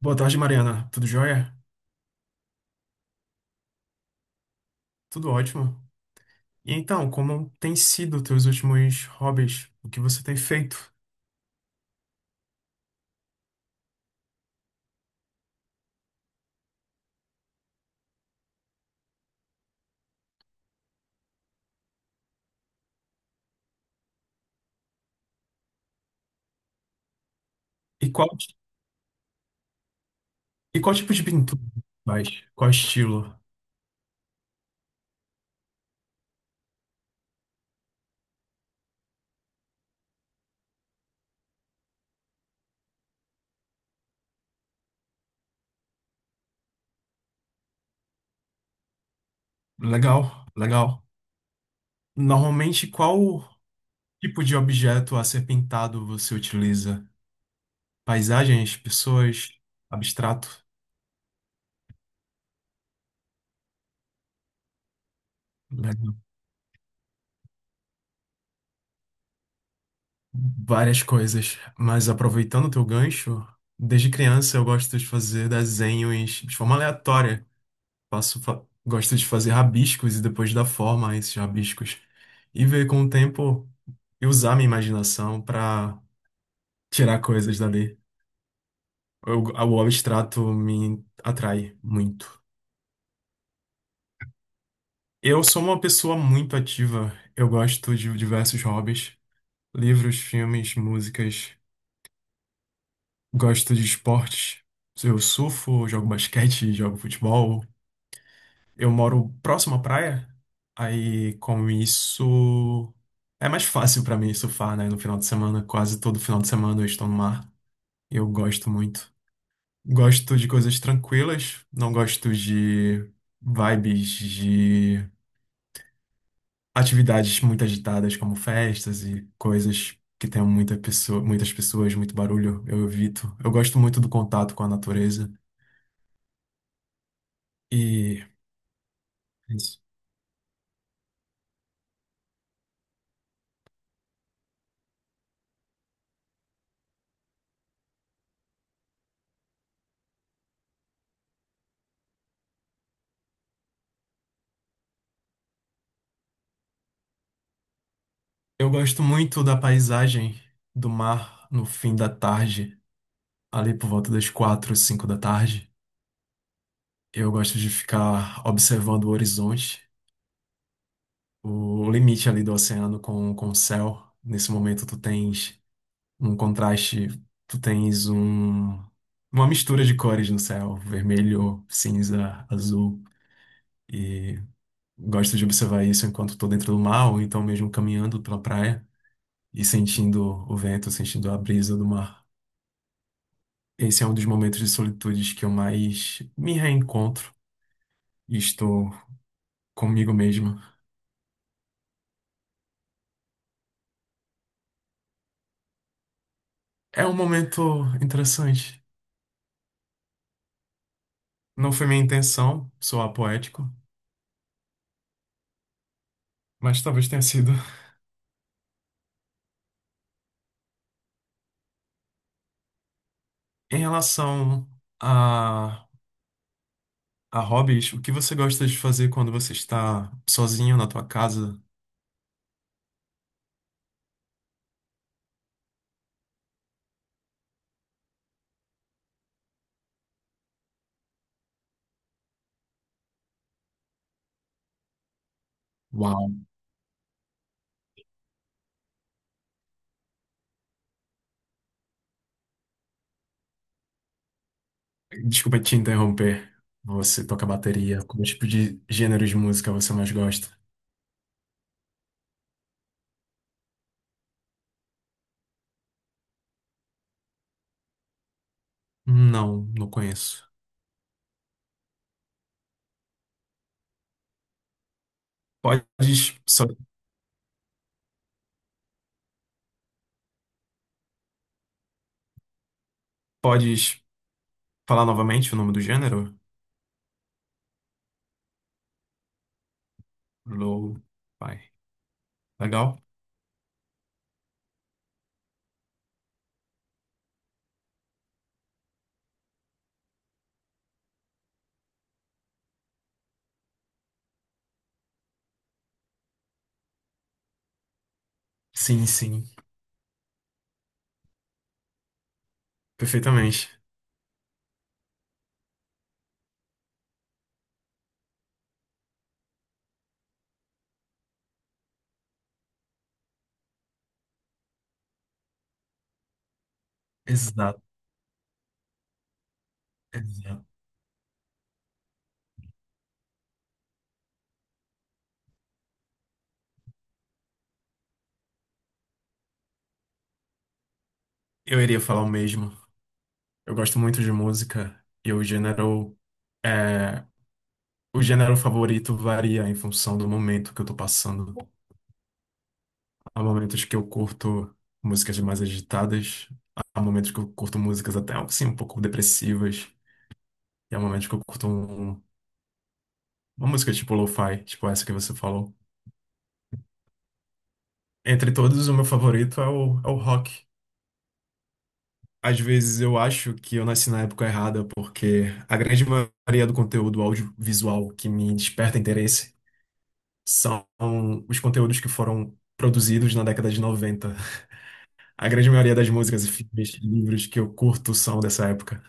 Boa tarde, Mariana. Tudo jóia? Tudo ótimo. E então, como tem sido teus últimos hobbies? O que você tem feito? E qual, e qual tipo de pintura você faz? Qual estilo? Legal, legal. Normalmente, qual tipo de objeto a ser pintado você utiliza? Paisagens, pessoas, abstrato? Legal. Várias coisas. Mas aproveitando o teu gancho, desde criança eu gosto de fazer desenhos de forma aleatória. Gosto de fazer rabiscos e depois dar forma a esses rabiscos. E ver com o tempo e usar minha imaginação para tirar coisas dali. O abstrato me atrai muito. Eu sou uma pessoa muito ativa. Eu gosto de diversos hobbies, livros, filmes, músicas. Gosto de esportes. Eu surfo, jogo basquete, jogo futebol. Eu moro próximo à praia, aí com isso é mais fácil pra mim surfar, né? No final de semana, quase todo final de semana eu estou no mar. Eu gosto muito. Gosto de coisas tranquilas, não gosto de vibes de atividades muito agitadas como festas e coisas que tenham muita pessoa, muitas pessoas, muito barulho. Eu evito. Eu gosto muito do contato com a natureza e é isso. Eu gosto muito da paisagem do mar no fim da tarde, ali por volta das quatro, cinco da tarde. Eu gosto de ficar observando o horizonte, o limite ali do oceano com o céu. Nesse momento tu tens um contraste, tu tens uma mistura de cores no céu, vermelho, cinza, azul. E gosto de observar isso enquanto estou dentro do mar, ou então mesmo caminhando pela praia e sentindo o vento, sentindo a brisa do mar. Esse é um dos momentos de solitude que eu mais me reencontro e estou comigo mesmo. É um momento interessante. Não foi minha intenção soar poético, mas talvez tenha sido. Em relação a, a hobbies, o que você gosta de fazer quando você está sozinho na tua casa? Uau! Desculpa te interromper. Você toca bateria? Qual tipo de gênero de música você mais gosta? Não, não conheço. Podes, só, Podes falar novamente o nome do gênero? Low, fi Legal? Sim, sim, perfeitamente. Exato, exato. Eu iria falar o mesmo. Eu gosto muito de música e é, o gênero favorito varia em função do momento que eu tô passando. Há momentos que eu curto músicas mais agitadas, há momentos que eu curto músicas até assim um pouco depressivas, e há momentos que eu curto uma música tipo lo-fi, tipo essa que você falou. Entre todos, o meu favorito é o rock. Às vezes eu acho que eu nasci na época errada, porque a grande maioria do conteúdo audiovisual que me desperta interesse são os conteúdos que foram produzidos na década de 90. A grande maioria das músicas e filmes e livros que eu curto são dessa época.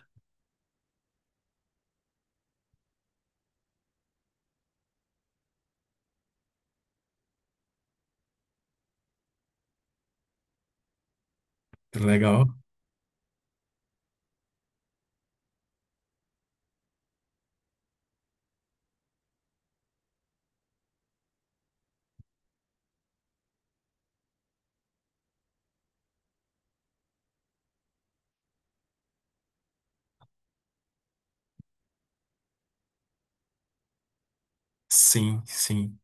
Legal? Sim, sim,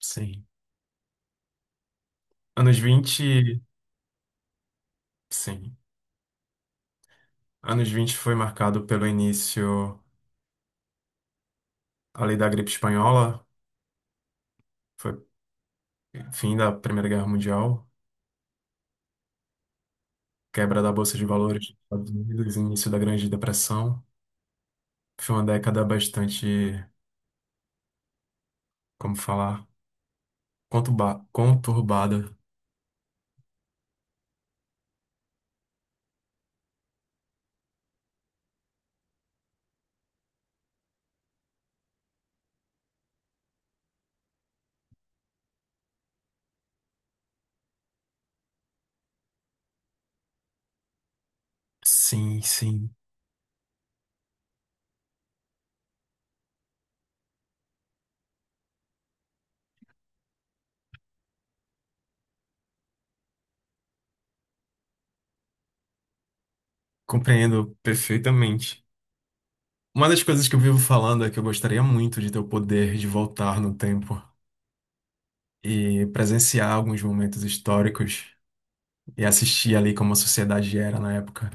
sim. Anos 20, sim. Anos 20 foi marcado pelo início ali da gripe espanhola, foi fim da Primeira Guerra Mundial, quebra da Bolsa de Valores dos Estados Unidos, início da Grande Depressão. Foi uma década bastante, como falar, conturbada. Sim, sim, compreendo perfeitamente. Uma das coisas que eu vivo falando é que eu gostaria muito de ter o poder de voltar no tempo e presenciar alguns momentos históricos e assistir ali como a sociedade era na época.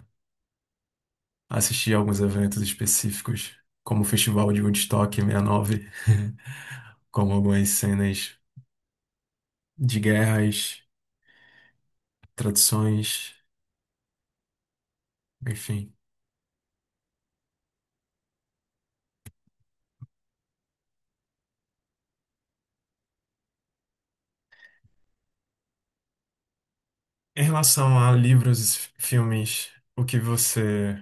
Assistir alguns eventos específicos, como o Festival de Woodstock 69, como algumas cenas de guerras traduções, enfim. Em relação a livros e filmes, o que você.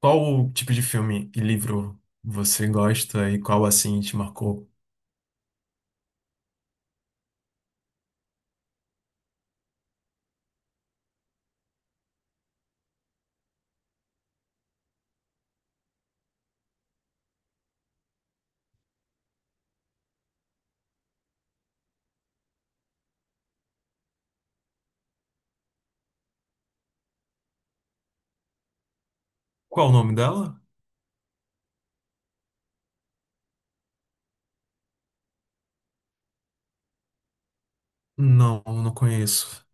Qual tipo de filme e livro você gosta e qual assim te marcou? Qual o nome dela? Não, não conheço.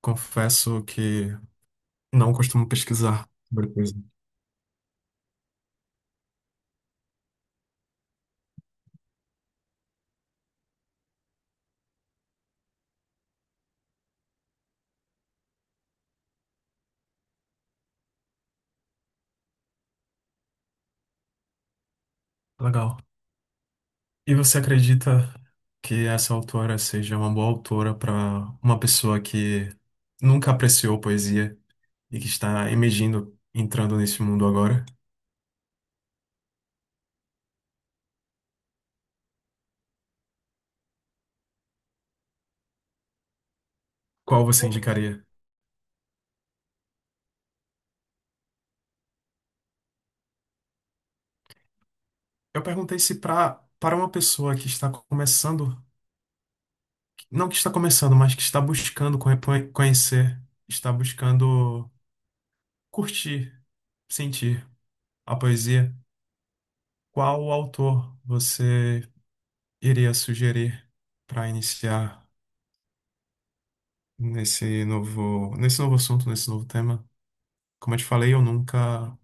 Confesso que não costumo pesquisar sobre coisa. Legal. E você acredita que essa autora seja uma boa autora para uma pessoa que nunca apreciou poesia e que está emergindo, entrando nesse mundo agora? Qual você indicaria? Eu perguntei se para uma pessoa que está começando, não que está começando, mas que está buscando conhecer, está buscando curtir, sentir a poesia, qual autor você iria sugerir para iniciar nesse novo assunto, nesse novo tema? Como eu te falei, eu nunca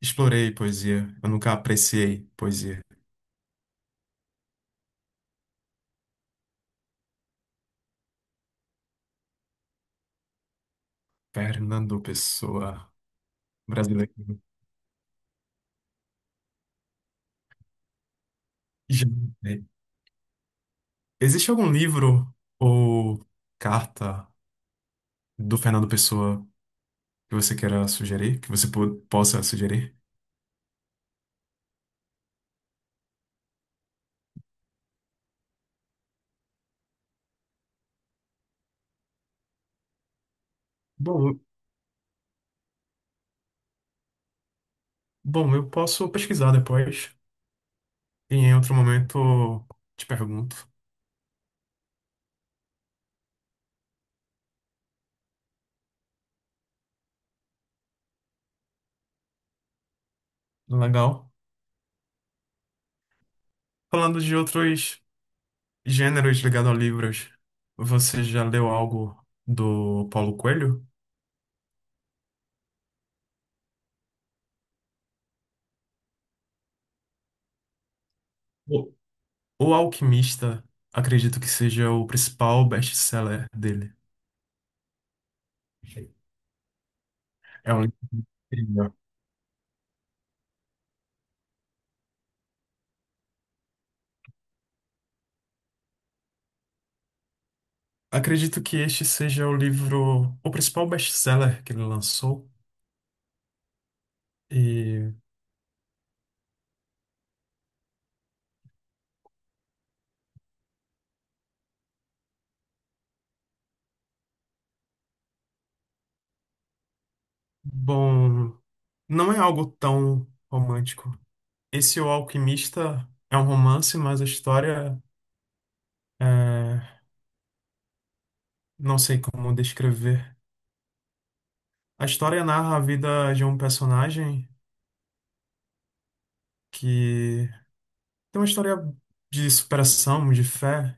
explorei poesia, eu nunca apreciei poesia. Fernando Pessoa, brasileiro. Já. Existe algum livro ou carta do Fernando Pessoa que você queira sugerir, que você possa sugerir? Bom, bom, eu posso pesquisar depois e em outro momento te pergunto. Legal. Falando de outros gêneros ligados a livros, você já leu algo do Paulo Coelho? O O Alquimista, acredito que seja o principal best-seller dele. É um livro incrível. Acredito que este seja o livro, o principal best-seller que ele lançou. E, bom, não é algo tão romântico. Esse O Alquimista é um romance, mas a história é, não sei como descrever. A história narra a vida de um personagem que tem uma história de superação, de fé,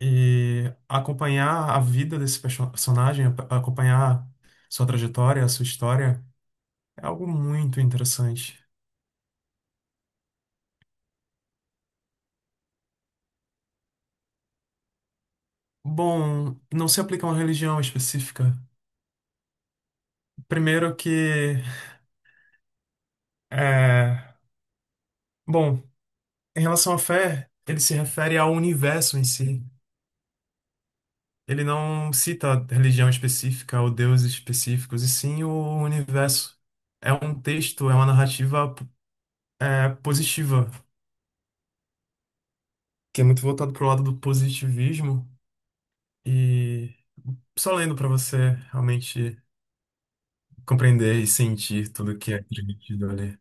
e acompanhar a vida desse personagem, acompanhar sua trajetória, sua história. É algo muito interessante. Bom, não se aplica a uma religião específica. Primeiro que, é, bom, em relação à fé, ele se refere ao universo em si. Ele não cita religião específica ou deuses específicos, e sim o universo. É um texto, é uma narrativa, positiva, que é muito voltado para o lado do positivismo. E só lendo para você realmente compreender e sentir tudo que é transmitido ali.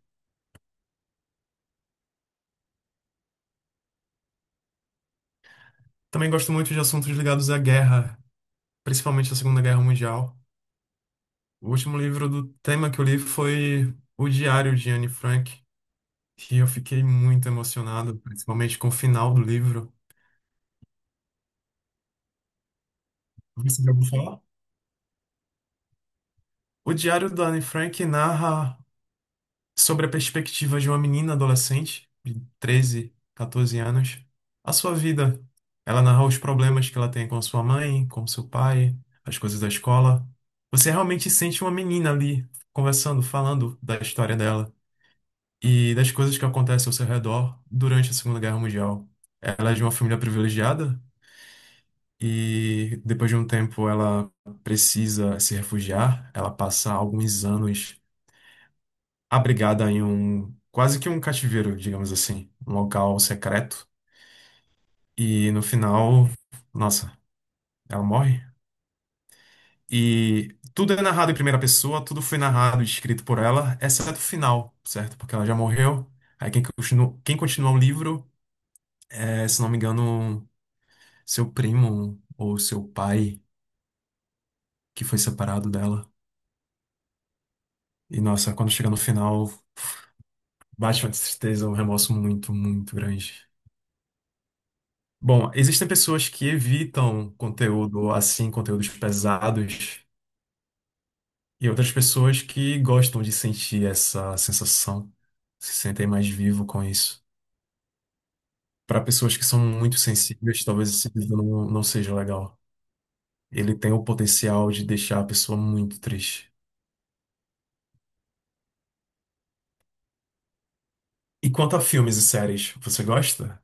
Também gosto muito de assuntos ligados à guerra, principalmente à Segunda Guerra Mundial. O último livro do tema que eu li foi O Diário de Anne Frank, e eu fiquei muito emocionado, principalmente com o final do livro. Você já ouviu falar? O Diário da Anne Frank narra sobre a perspectiva de uma menina adolescente de 13, 14 anos, a sua vida. Ela narra os problemas que ela tem com sua mãe, com seu pai, as coisas da escola. Você realmente sente uma menina ali conversando, falando da história dela e das coisas que acontecem ao seu redor durante a Segunda Guerra Mundial. Ela é de uma família privilegiada e depois de um tempo ela precisa se refugiar. Ela passa alguns anos abrigada em um quase que um cativeiro, digamos assim, um local secreto. E no final, nossa, ela morre. E tudo é narrado em primeira pessoa, tudo foi narrado e escrito por ela, exceto o final, certo? Porque ela já morreu. Aí quem continua o livro é, se não me engano, seu primo ou seu pai que foi separado dela. E nossa, quando chega no final, bate uma tristeza, um remorso muito, muito grande. Bom, existem pessoas que evitam conteúdo assim, conteúdos pesados, e outras pessoas que gostam de sentir essa sensação, se sentem mais vivo com isso. Para pessoas que são muito sensíveis, talvez esse vídeo não, não seja legal. Ele tem o potencial de deixar a pessoa muito triste. E quanto a filmes e séries, você gosta?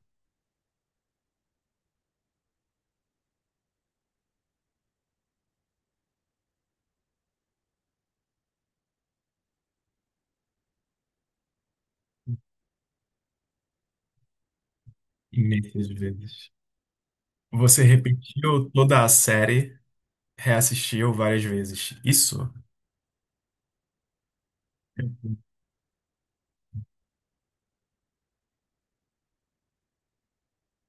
Imensas vezes. Você repetiu toda a série, reassistiu várias vezes. Isso?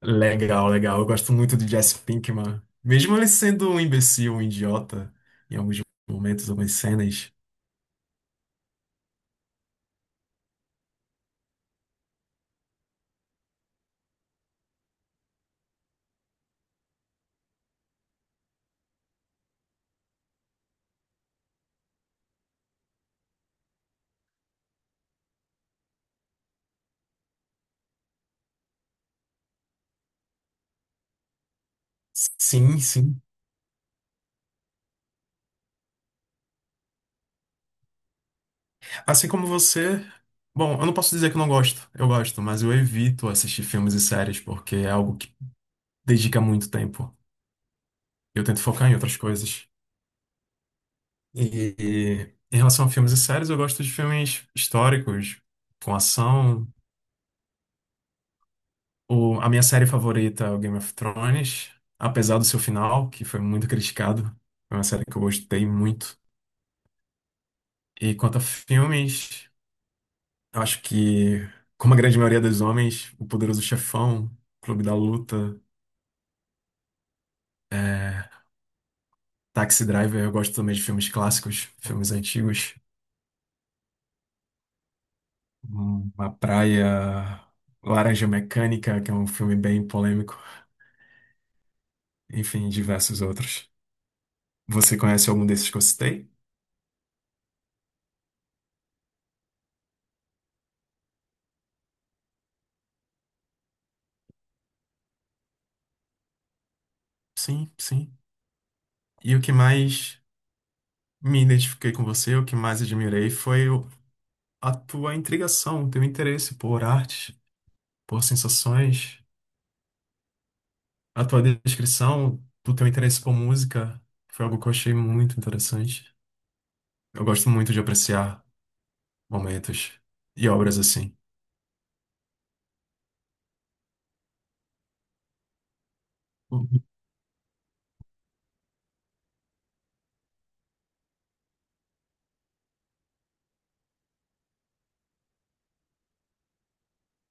Legal, legal. Eu gosto muito de Jesse Pinkman. Mesmo ele sendo um imbecil, um idiota, em alguns momentos, algumas cenas. Sim, sim. Assim como você. Bom, eu não posso dizer que eu não gosto. Eu gosto, mas eu evito assistir filmes e séries porque é algo que dedica muito tempo. Eu tento focar em outras coisas. E em relação a filmes e séries, eu gosto de filmes históricos, com ação. A minha série favorita é o Game of Thrones, apesar do seu final, que foi muito criticado. É uma série que eu gostei muito. E quanto a filmes, eu acho que, como a grande maioria dos homens, O Poderoso Chefão, Clube da Luta, é, Taxi Driver, eu gosto também de filmes clássicos, filmes antigos. Uma Praia, Laranja Mecânica, que é um filme bem polêmico, enfim, diversos outros. Você conhece algum desses que eu citei? Sim, sim. E o que mais me identifiquei com você, o que mais admirei foi a tua intrigação, o teu interesse por arte, por sensações, a tua descrição do teu interesse por música, foi algo que eu achei muito interessante. Eu gosto muito de apreciar momentos e obras assim.